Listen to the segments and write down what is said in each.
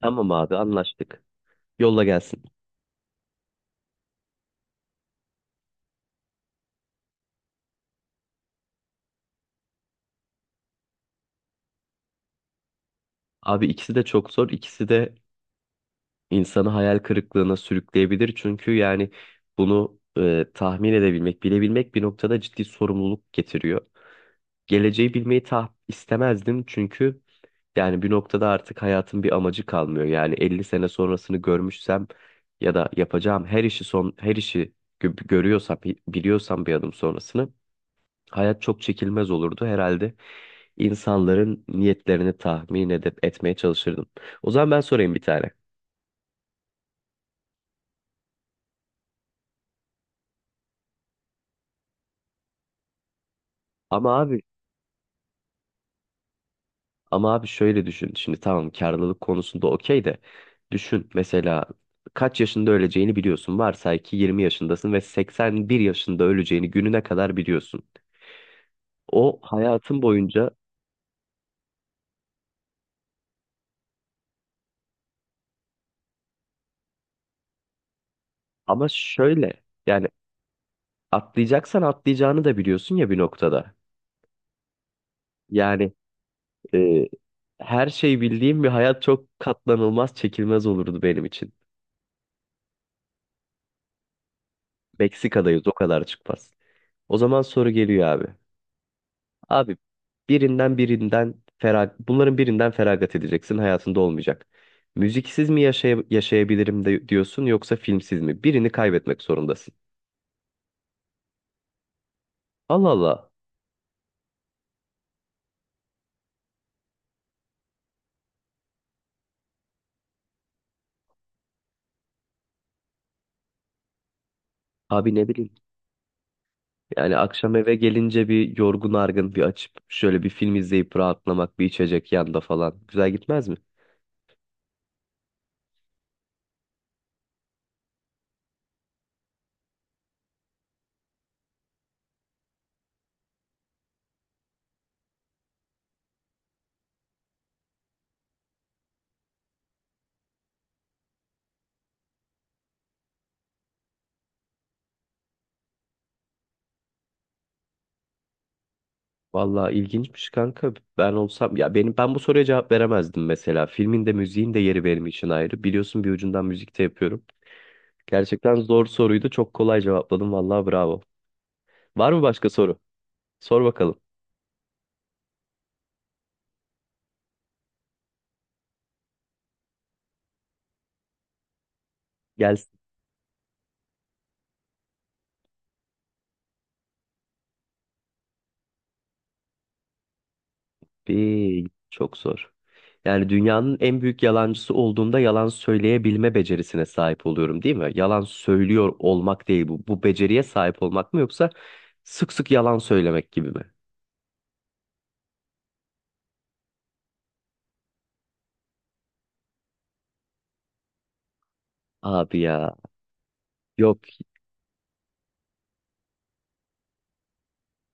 Tamam abi, anlaştık. Yolla gelsin. Abi, ikisi de çok zor. İkisi de insanı hayal kırıklığına sürükleyebilir. Çünkü yani bunu tahmin edebilmek, bilebilmek bir noktada ciddi sorumluluk getiriyor. Geleceği bilmeyi istemezdim, çünkü yani bir noktada artık hayatın bir amacı kalmıyor. Yani 50 sene sonrasını görmüşsem ya da yapacağım her işi son her işi görüyorsam, biliyorsam bir adım sonrasını, hayat çok çekilmez olurdu herhalde. İnsanların niyetlerini tahmin etmeye çalışırdım. O zaman ben sorayım bir tane. Ama abi Ama abi, şöyle düşün. Şimdi tamam, karlılık konusunda okey de, düşün mesela, kaç yaşında öleceğini biliyorsun. Varsay ki 20 yaşındasın ve 81 yaşında öleceğini gününe kadar biliyorsun. O hayatın boyunca ama şöyle yani, atlayacaksan atlayacağını da biliyorsun ya bir noktada. Yani e, her şeyi bildiğim bir hayat çok katlanılmaz, çekilmez olurdu benim için. Meksika'dayız, o kadar çıkmaz. O zaman soru geliyor abi. Abi, birinden birinden ferag bunların birinden feragat edeceksin, hayatında olmayacak. Müziksiz mi yaşay Yaşayabilirim de diyorsun yoksa filmsiz mi? Birini kaybetmek zorundasın. Allah Allah. Abi, ne bileyim. Yani akşam eve gelince bir yorgun argın bir açıp şöyle bir film izleyip rahatlamak, bir içecek yanda falan. Güzel gitmez mi? Vallahi ilginçmiş kanka. Ben olsam ya benim ben bu soruya cevap veremezdim mesela. Filmin de müziğin de yeri benim için ayrı. Biliyorsun, bir ucundan müzik de yapıyorum. Gerçekten zor soruydu. Çok kolay cevapladım. Vallahi bravo. Var mı başka soru? Sor bakalım. Gelsin. Bir, çok zor. Yani dünyanın en büyük yalancısı olduğumda yalan söyleyebilme becerisine sahip oluyorum, değil mi? Yalan söylüyor olmak değil bu. Bu beceriye sahip olmak mı, yoksa sık sık yalan söylemek gibi mi? Abi ya. Yok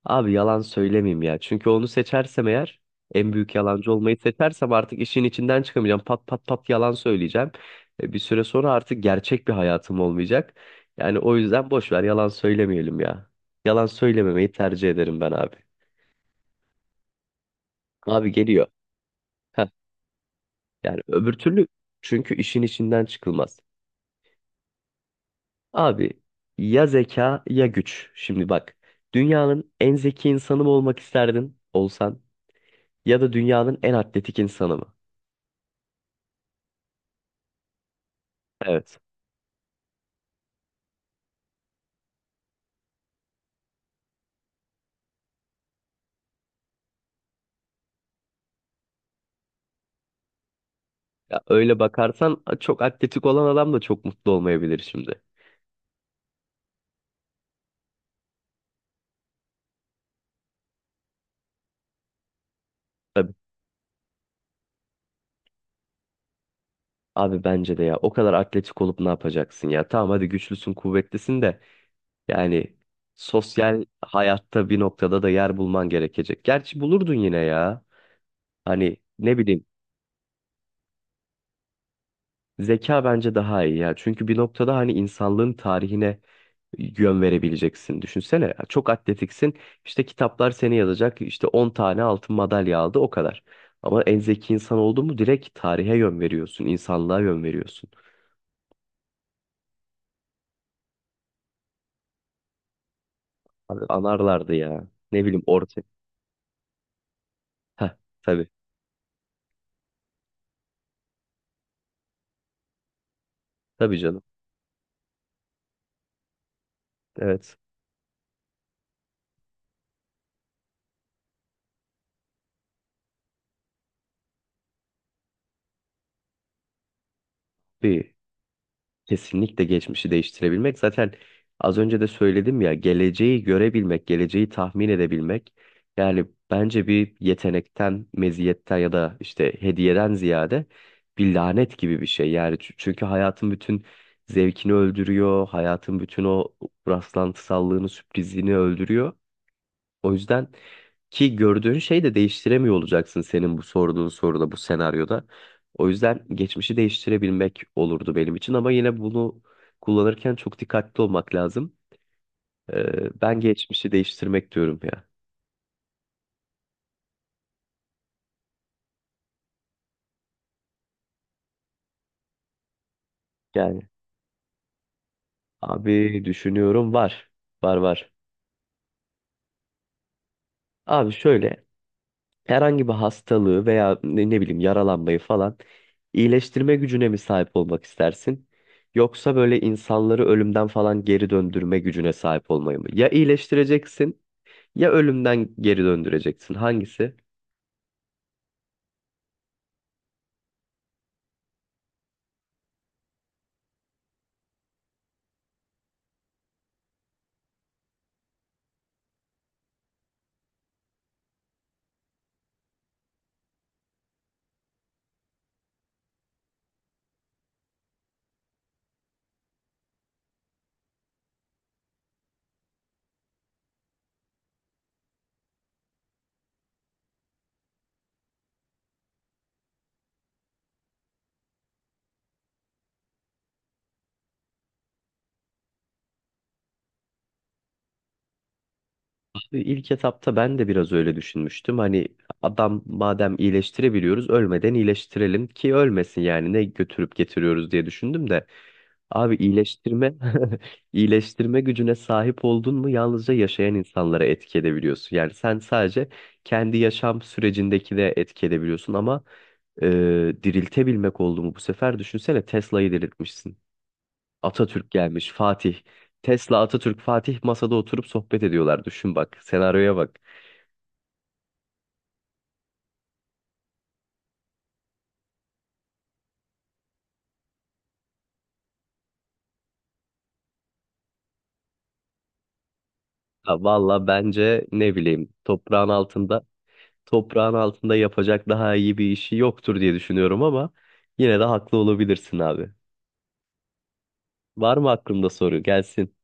abi, yalan söylemeyeyim ya. Çünkü onu seçersem eğer, en büyük yalancı olmayı seçersem, artık işin içinden çıkamayacağım. Pat pat pat yalan söyleyeceğim. Bir süre sonra artık gerçek bir hayatım olmayacak. Yani o yüzden boş ver, yalan söylemeyelim ya. Yalan söylememeyi tercih ederim ben abi. Abi geliyor. Heh, yani öbür türlü, çünkü işin içinden çıkılmaz. Abi, ya zeka ya güç. Şimdi bak, dünyanın en zeki insanı mı olmak isterdin olsan, ya da dünyanın en atletik insanı mı? Evet. Ya öyle bakarsan çok atletik olan adam da çok mutlu olmayabilir şimdi. Tabii. Abi bence de, ya o kadar atletik olup ne yapacaksın ya? Tamam, hadi güçlüsün, kuvvetlisin de, yani sosyal hayatta bir noktada da yer bulman gerekecek. Gerçi bulurdun yine ya. Hani ne bileyim, zeka bence daha iyi ya. Çünkü bir noktada hani insanlığın tarihine yön verebileceksin. Düşünsene, çok atletiksin. İşte kitaplar seni yazacak. İşte 10 tane altın madalya aldı, o kadar. Ama en zeki insan oldun mu direkt tarihe yön veriyorsun. İnsanlığa yön veriyorsun. Abi, anarlardı ya. Ne bileyim orta. Heh, tabii. Tabii canım. Evet. Bir, kesinlikle geçmişi değiştirebilmek. Zaten az önce de söyledim ya, geleceği görebilmek, geleceği tahmin edebilmek. Yani bence bir yetenekten, meziyetten ya da işte hediyeden ziyade bir lanet gibi bir şey. Yani çünkü hayatın bütün zevkini öldürüyor, hayatın bütün o rastlantısallığını, sürprizliğini öldürüyor. O yüzden ki gördüğün şeyi de değiştiremiyor olacaksın senin bu sorduğun soruda, bu senaryoda. O yüzden geçmişi değiştirebilmek olurdu benim için, ama yine bunu kullanırken çok dikkatli olmak lazım. Ben geçmişi değiştirmek diyorum ya. Yani abi, düşünüyorum, var. Var. Abi şöyle, herhangi bir hastalığı veya ne bileyim yaralanmayı falan iyileştirme gücüne mi sahip olmak istersin? Yoksa böyle insanları ölümden falan geri döndürme gücüne sahip olmayı mı? Ya iyileştireceksin, ya ölümden geri döndüreceksin. Hangisi? Abi, İlk etapta ben de biraz öyle düşünmüştüm. Hani adam madem iyileştirebiliyoruz, ölmeden iyileştirelim ki ölmesin, yani ne götürüp getiriyoruz diye düşündüm de. Abi iyileştirme iyileştirme gücüne sahip oldun mu, yalnızca yaşayan insanlara etki edebiliyorsun. Yani sen sadece kendi yaşam sürecindeki de etki edebiliyorsun ama e, diriltebilmek oldu mu bu sefer, düşünsene, Tesla'yı diriltmişsin. Atatürk gelmiş, Fatih. Tesla, Atatürk, Fatih masada oturup sohbet ediyorlar. Düşün bak, senaryoya bak. Ha, valla bence ne bileyim, toprağın altında yapacak daha iyi bir işi yoktur diye düşünüyorum ama yine de haklı olabilirsin abi. Var mı aklında soru? Gelsin.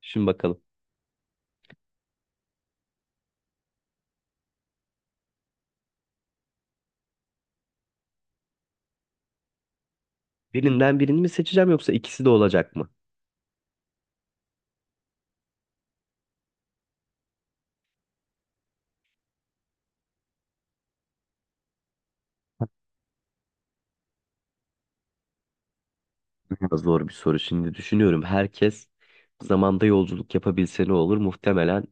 Şimdi bakalım. Birinden birini mi seçeceğim, yoksa ikisi de olacak mı? Biraz zor bir soru. Şimdi düşünüyorum. Herkes zamanda yolculuk yapabilse ne olur? Muhtemelen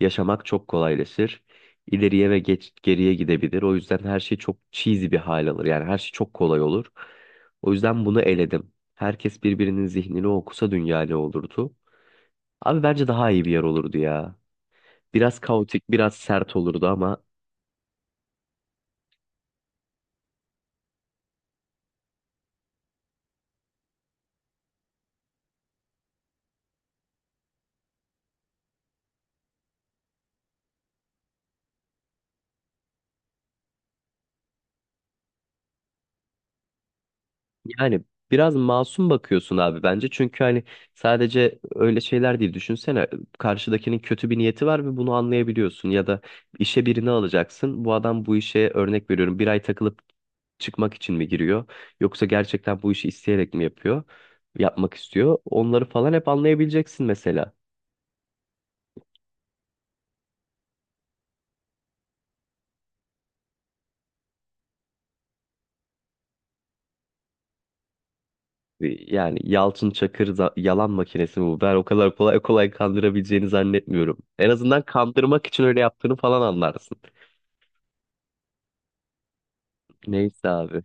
yaşamak çok kolaylaşır. İleriye ve geriye gidebilir. O yüzden her şey çok cheesy bir hal alır. Yani her şey çok kolay olur. O yüzden bunu eledim. Herkes birbirinin zihnini okusa dünya ne olurdu? Abi bence daha iyi bir yer olurdu ya. Biraz kaotik, biraz sert olurdu ama yani biraz masum bakıyorsun abi bence. Çünkü hani sadece öyle şeyler değil. Düşünsene, karşıdakinin kötü bir niyeti var ve bunu anlayabiliyorsun. Ya da işe birini alacaksın. Bu adam bu işe, örnek veriyorum, bir ay takılıp çıkmak için mi giriyor? Yoksa gerçekten bu işi isteyerek mi yapıyor? Yapmak istiyor. Onları falan hep anlayabileceksin mesela. Ee, Yani Yalçın Çakır yalan makinesi mi bu? Ben o kadar kolay kandırabileceğini zannetmiyorum. En azından kandırmak için öyle yaptığını falan anlarsın. Neyse abi.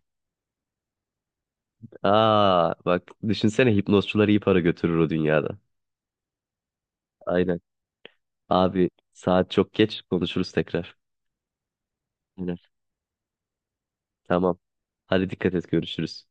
Aa bak düşünsene, hipnozcuları iyi para götürür o dünyada. Aynen. Abi saat çok geç, konuşuruz tekrar. Aynen. Tamam. Hadi dikkat et, görüşürüz.